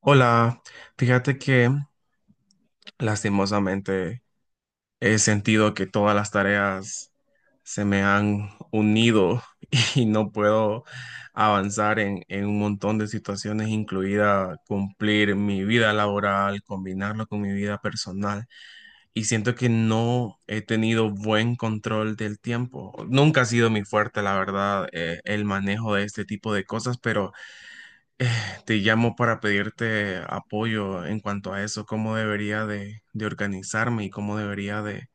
Hola, fíjate que lastimosamente he sentido que todas las tareas se me han unido y no puedo avanzar en un montón de situaciones, incluida cumplir mi vida laboral, combinarlo con mi vida personal. Y siento que no he tenido buen control del tiempo. Nunca ha sido mi fuerte, la verdad, el manejo de este tipo de cosas, pero... Eh, Te llamo para pedirte apoyo en cuanto a eso, cómo debería de organizarme y cómo debería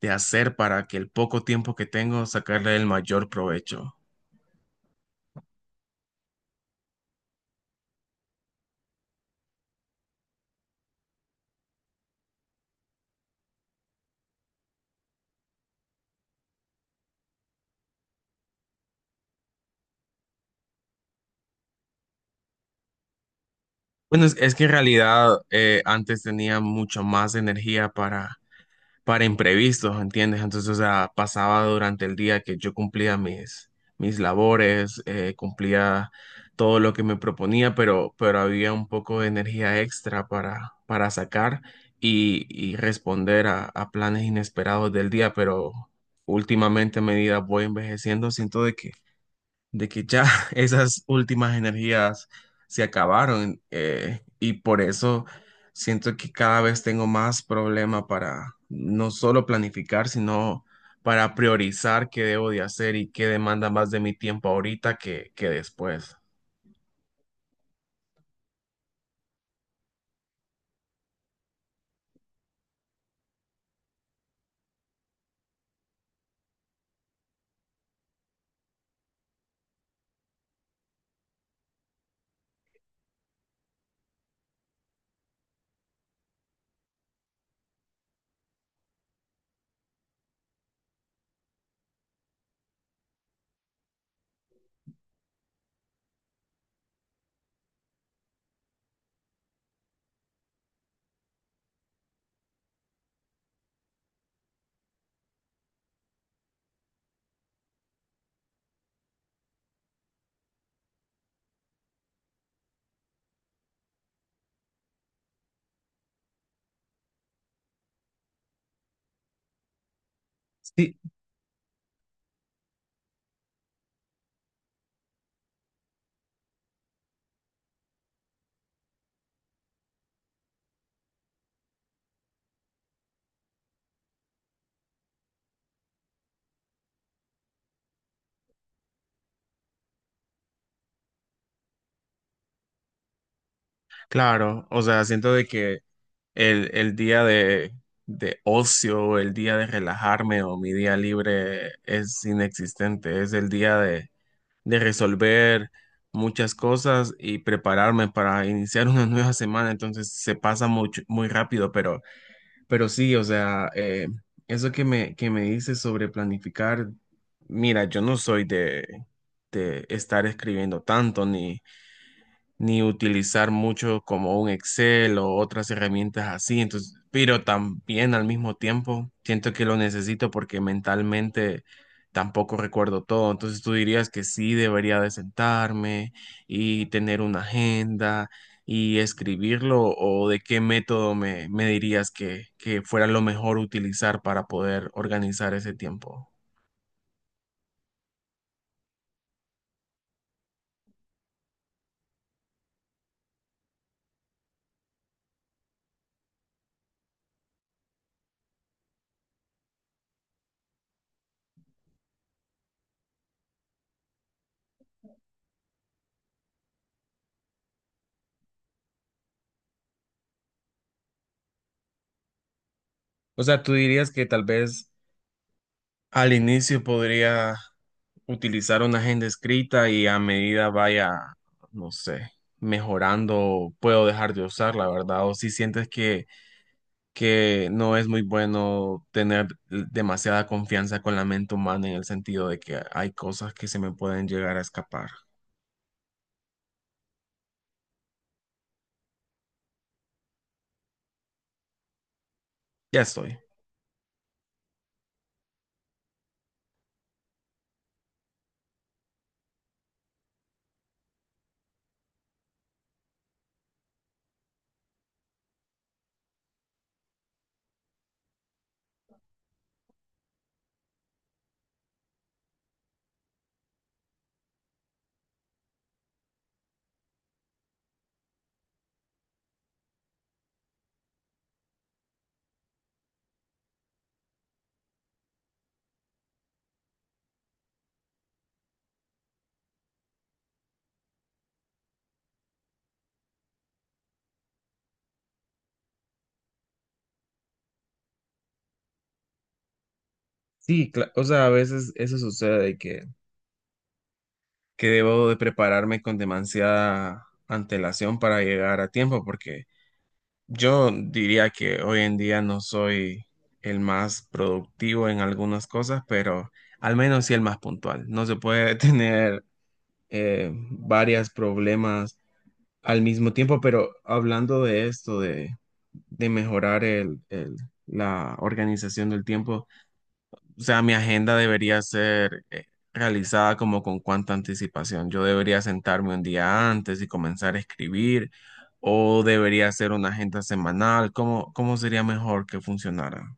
de hacer para que el poco tiempo que tengo sacarle el mayor provecho. Bueno, es que en realidad antes tenía mucho más energía para imprevistos, ¿entiendes? Entonces, o sea, pasaba durante el día que yo cumplía mis labores, cumplía todo lo que me proponía, pero había un poco de energía extra para sacar y responder a planes inesperados del día, pero últimamente a medida voy envejeciendo, siento de que ya esas últimas energías se acabaron y por eso siento que cada vez tengo más problema para no solo planificar, sino para priorizar qué debo de hacer y qué demanda más de mi tiempo ahorita que después. Sí. Claro, o sea, siento de que el día de ocio, el día de relajarme o mi día libre es inexistente. Es el día de resolver muchas cosas y prepararme para iniciar una nueva semana. Entonces se pasa mucho, muy rápido, pero sí, o sea, eso que que me dices sobre planificar, mira, yo no soy de estar escribiendo tanto ni ni utilizar mucho como un Excel o otras herramientas así. Entonces, pero también al mismo tiempo siento que lo necesito porque mentalmente tampoco recuerdo todo. Entonces, tú dirías que sí debería de sentarme y tener una agenda y escribirlo o de qué método me dirías que fuera lo mejor utilizar para poder organizar ese tiempo. O sea, tú dirías que tal vez al inicio podría utilizar una agenda escrita y a medida vaya, no sé, mejorando, puedo dejar de usarla, ¿verdad? O si sientes que no es muy bueno tener demasiada confianza con la mente humana en el sentido de que hay cosas que se me pueden llegar a escapar. Ya estoy. Sí, cla- o sea, a veces eso sucede que debo de prepararme con demasiada antelación para llegar a tiempo porque yo diría que hoy en día no soy el más productivo en algunas cosas, pero al menos sí el más puntual. No se puede tener varios problemas al mismo tiempo, pero hablando de esto, de mejorar la organización del tiempo, o sea, mi agenda debería ser realizada como con cuánta anticipación. Yo debería sentarme un día antes y comenzar a escribir, o debería ser una agenda semanal. ¿Cómo, cómo sería mejor que funcionara?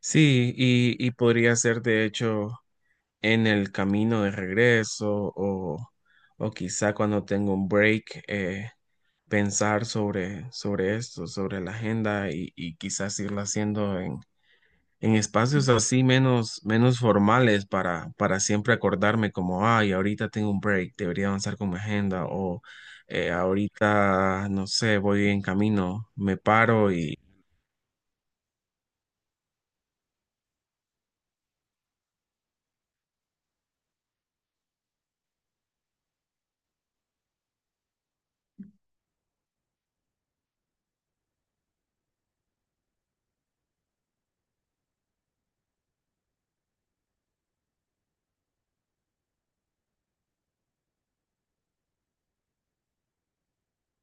Sí, y podría ser de hecho en el camino de regreso o quizá cuando tengo un break, pensar sobre esto, sobre la agenda y quizás irla haciendo en espacios así menos, menos formales para siempre acordarme como, ay, ahorita tengo un break, debería avanzar con mi agenda o ahorita, no sé, voy en camino, me paro y,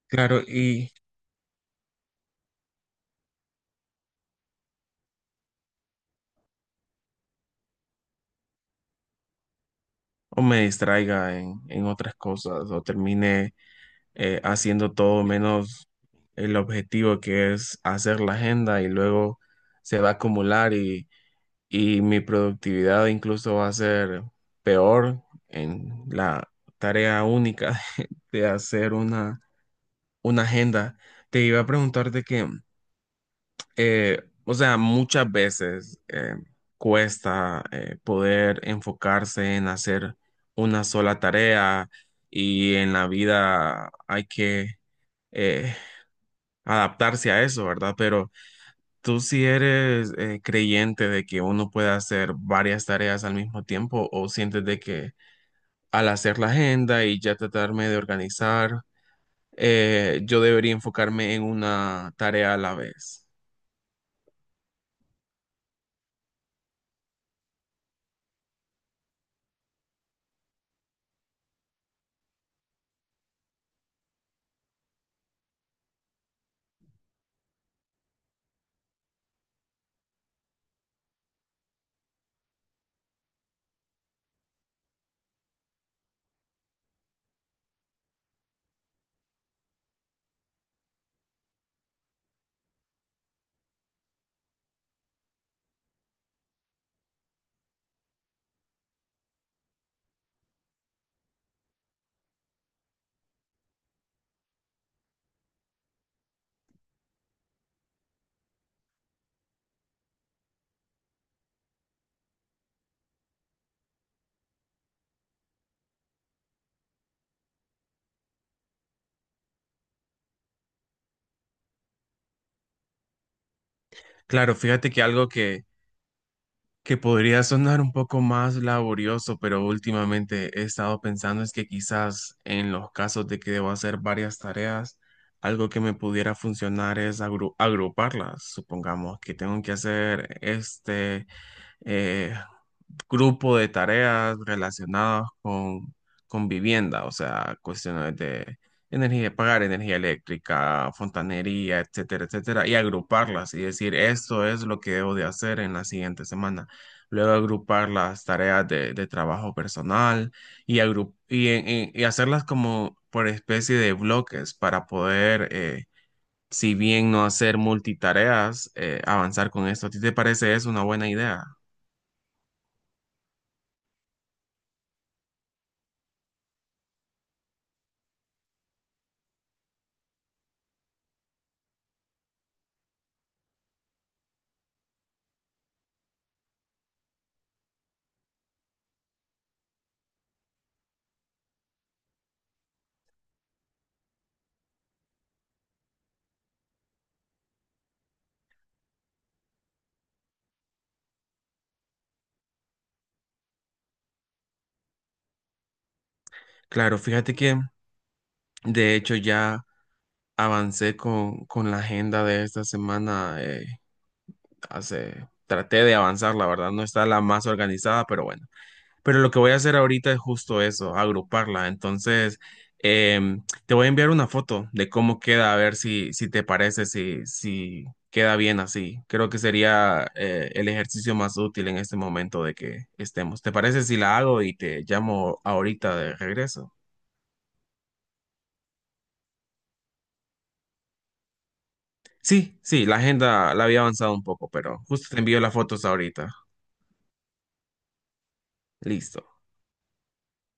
claro, y o me distraiga en otras cosas o termine haciendo todo menos el objetivo que es hacer la agenda y luego se va a acumular y mi productividad incluso va a ser peor en la tarea única de hacer una agenda. Te iba a preguntar de que, o sea, muchas veces cuesta poder enfocarse en hacer una sola tarea y en la vida hay que eh, adaptarse a eso, ¿verdad? Pero ¿tú si eres creyente de que uno puede hacer varias tareas al mismo tiempo o sientes de que al hacer la agenda y ya tratarme de organizar, yo debería enfocarme en una tarea a la vez? Claro, fíjate que algo que podría sonar un poco más laborioso, pero últimamente he estado pensando es que quizás en los casos de que debo hacer varias tareas, algo que me pudiera funcionar es agruparlas. Supongamos que tengo que hacer este eh, grupo de tareas relacionadas con vivienda, o sea, cuestiones de energía, de pagar energía eléctrica, fontanería, etcétera, etcétera, y agruparlas y decir, esto es lo que debo de hacer en la siguiente semana. Luego agrupar las tareas de trabajo personal y hacerlas como por especie de bloques para poder, si bien no hacer multitareas, avanzar con esto. ¿A ti te parece eso una buena idea? Claro, fíjate que de hecho ya avancé con la agenda de esta semana. Traté de avanzar, la verdad, no está la más organizada, pero bueno. Pero lo que voy a hacer ahorita es justo eso, agruparla. Entonces, te voy a enviar una foto de cómo queda, a ver si te parece, si queda bien así. Creo que sería el ejercicio más útil en este momento de que estemos. ¿Te parece si la hago y te llamo ahorita de regreso? Sí, sí, la agenda la había avanzado un poco, pero justo te envío las fotos ahorita. Listo.